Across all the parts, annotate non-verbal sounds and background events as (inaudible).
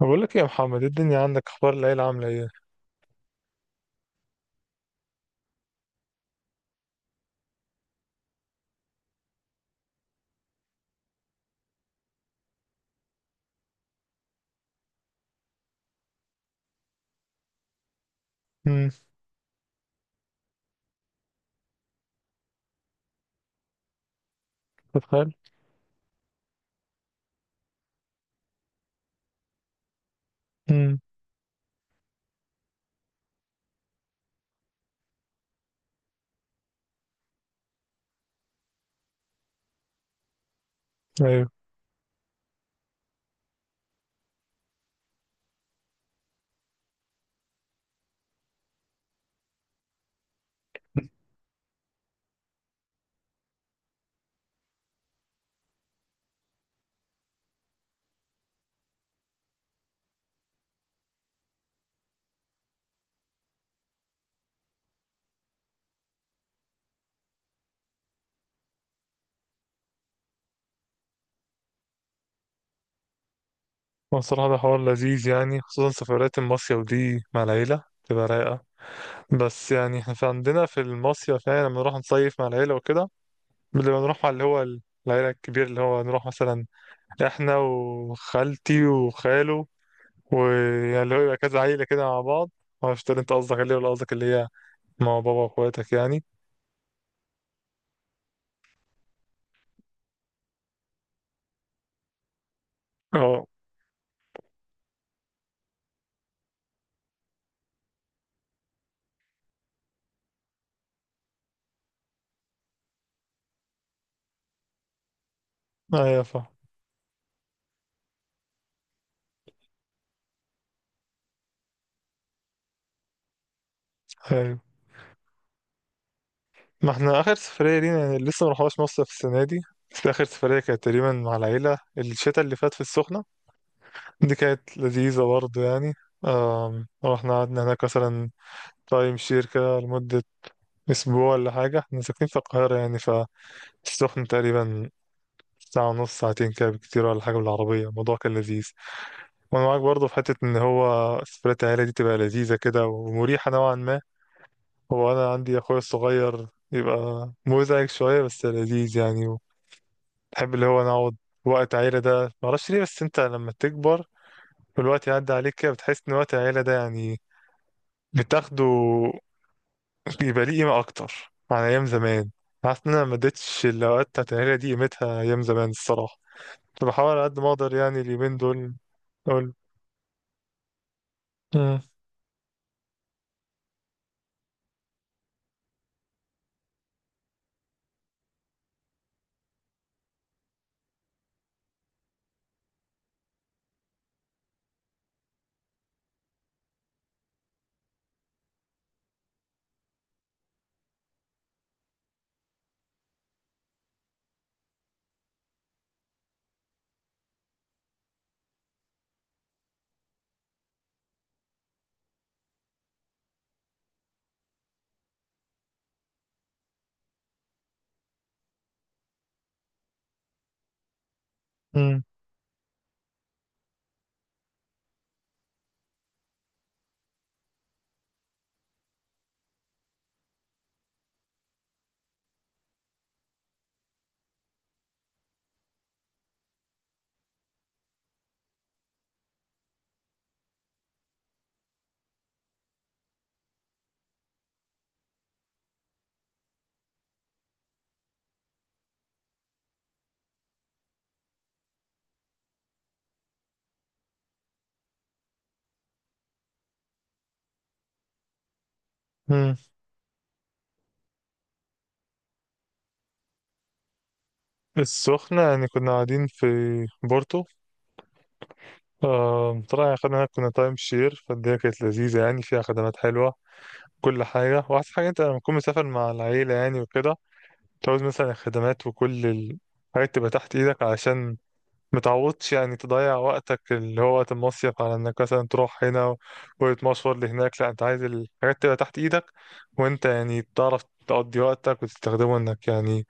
بقول لك إيه يا محمد، إيه الدنيا، عندك اخبار، العيله عامله ايه؟ امم. تتخيل. امم. ايوه. هو الصراحه ده حوار لذيذ يعني، خصوصا سفرات المصيف دي مع العيله تبقى رايقه. بس يعني احنا في عندنا في المصيف، يعني لما نروح نصيف مع العيله وكده بنبقى نروح مع اللي هو العيله الكبير، اللي هو نروح مثلا احنا وخالتي وخاله، ويعني اللي هو يبقى كذا عيله كده مع بعض. معرفش انت قصدك اللي ولا قصدك اللي هي مع بابا واخواتك يعني. اه. ايوه فاهم. ما احنا اخر سفرية لينا يعني لسه ما رحناش مصر في السنة دي، بس اخر سفرية كانت تقريبا مع العيلة الشتاء اللي فات في السخنة. دي كانت لذيذة برضه يعني. رحنا قعدنا هناك مثلا تايم شير كده لمدة اسبوع ولا حاجة. احنا ساكنين في القاهرة يعني، فالسخنة تقريبا ساعة ونص ساعتين كده بكتير ولا حاجة بالعربية. الموضوع كان لذيذ، وانا معاك برضه في حتة ان هو سفرية العيلة دي تبقى لذيذة كده ومريحة نوعا ما. هو انا عندي اخويا الصغير يبقى مزعج شوية بس لذيذ يعني. بحب اللي هو نقعد وقت عيلة ده، معرفش ليه، بس انت لما تكبر والوقت يعدي عليك كده بتحس ان وقت العيلة ده يعني بتاخده، بيبقى ليه قيمة أكتر عن أيام زمان. حاسس إن أنا ما اديتش الأوقات بتاعت العيلة دي قيمتها أيام زمان الصراحة، فبحاول على قد ما أقدر يعني اليومين دول أقول. مم، مم، مم. السخنة يعني كنا قاعدين في بورتو. طلع أخدنا كنا تايم شير، فالدنيا كانت لذيذة يعني فيها خدمات حلوة كل حاجة. وأحسن حاجة أنت لما تكون مسافر مع العيلة يعني وكده، مش عاوز مثلا الخدمات وكل الحاجات تبقى تحت ايدك علشان متعوضش يعني تضيع وقتك اللي هو وقت المصيف على انك مثلا تروح هنا وتمشور لهناك. لا، انت عايز الحاجات تبقى تحت ايدك، وانت يعني تعرف تقضي وقتك وتستخدمه، انك يعني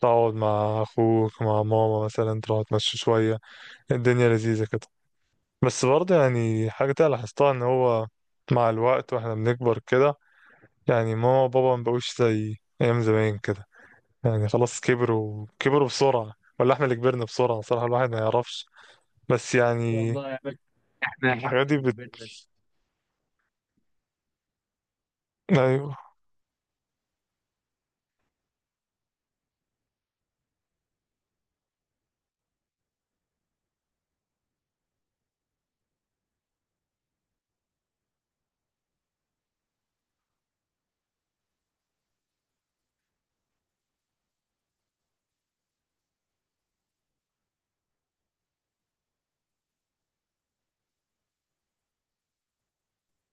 تقعد مع اخوك، مع ماما مثلا تروح تمشي شوية. الدنيا لذيذة كده. بس برضه يعني حاجة تانية لاحظتها ان هو مع الوقت واحنا بنكبر كده، يعني ماما وبابا مبقوش زي ايام زمان كده، يعني خلاص كبروا، كبروا بسرعة، ولا احنا اللي كبرنا بسرعة، صراحة الواحد ما يعرفش. بس يعني والله يا باشا، احنا احنا الحاجات دي كبرنا. ايوه.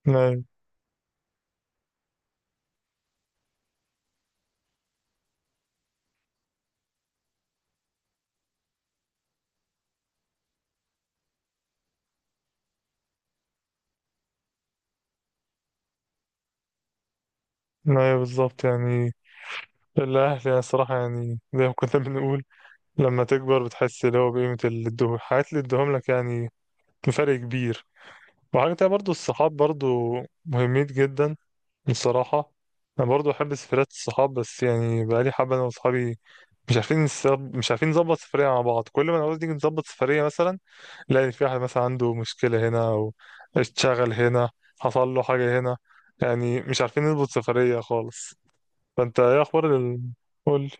ايوه. ايوه بالظبط يعني. الأهل يعني الصراحة يعني زي ما كنا بنقول، لما تكبر بتحس اللي هو بقيمة اللي ادوه الحاجات اللي ادوهم لك يعني، بفرق كبير. وحاجة تانية برضو الصحاب برضو مهمين جدا بصراحة. أنا برضو أحب سفريات الصحاب، بس يعني بقالي حبة أنا وصحابي مش عارفين مش عارفين نظبط سفرية مع بعض. كل ما نعوز نيجي نظبط سفرية مثلا نلاقي في واحد مثلا عنده مشكلة هنا، أو اتشغل هنا، حصل له حاجة هنا، يعني مش عارفين نظبط سفرية خالص. فأنت إيه أخبار قول.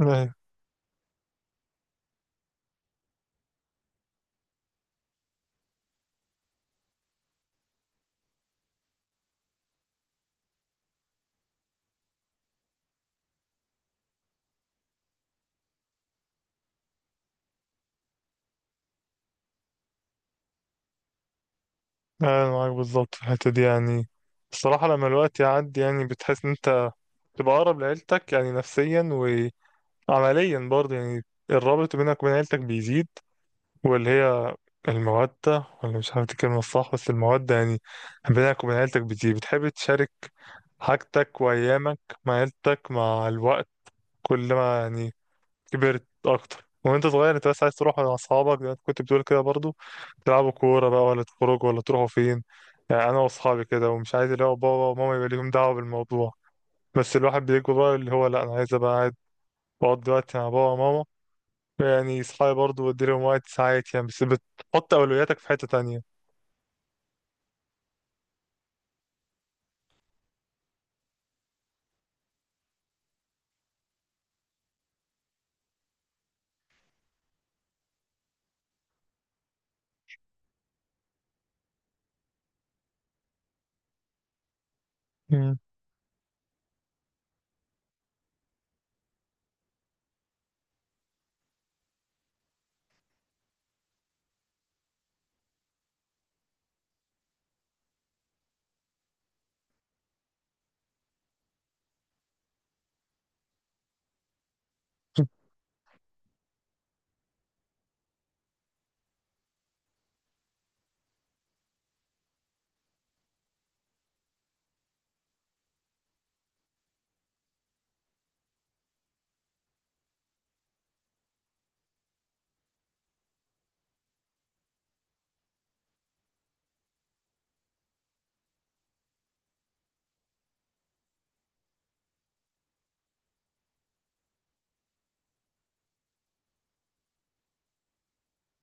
أنا أنا معاك بالظبط في الحتة دي يعني. الصراحة لما الوقت يعدي يعني بتحس إن أنت تبقى أقرب لعيلتك يعني نفسيا، وعمليا برضه يعني الرابط بينك وبين عيلتك بيزيد، واللي هي المودة، ولا مش عارف دي الكلمة الصح، بس المودة يعني بينك وبين عيلتك بتيجي، بتحب تشارك حاجتك وأيامك مع عيلتك مع الوقت. كل ما يعني كبرت أكتر. وأنت صغير أنت بس عايز تروح مع أصحابك زي ما أنت كنت بتقول كده برضو، تلعبوا كورة بقى ولا تخرجوا ولا تروحوا فين، يعني أنا وأصحابي كده، ومش عايز اللي هو بابا وماما يبقى ليهم دعوة بالموضوع. بس الواحد بيكبر بقى اللي هو لأ أنا عايز أبقى قاعد بقضي وقت مع بابا وماما. يعني صحابي برضه بدي لهم وقت ساعات يعني، بس بتحط أولوياتك في حتة تانية. امم.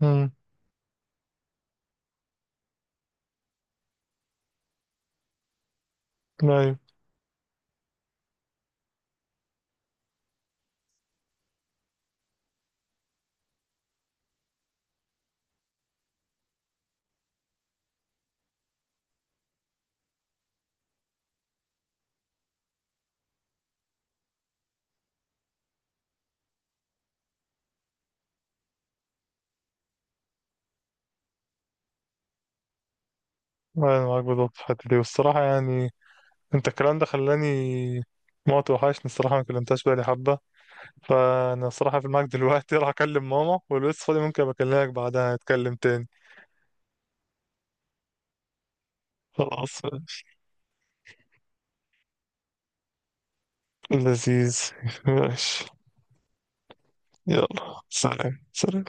امم. أيوة. أنا معاك بالظبط في الحتة دي والصراحة يعني أنت الكلام ده خلاني موت وحشني الصراحة، ما كلمتهاش بقالي حبة. فأنا الصراحة في المعك دلوقتي (laughs) راح أكلم ماما ولو لسه فاضي ممكن بكلمك بعدها نتكلم تاني. خلاص ماشي. لذيذ. ماشي. يلا سلام سلام.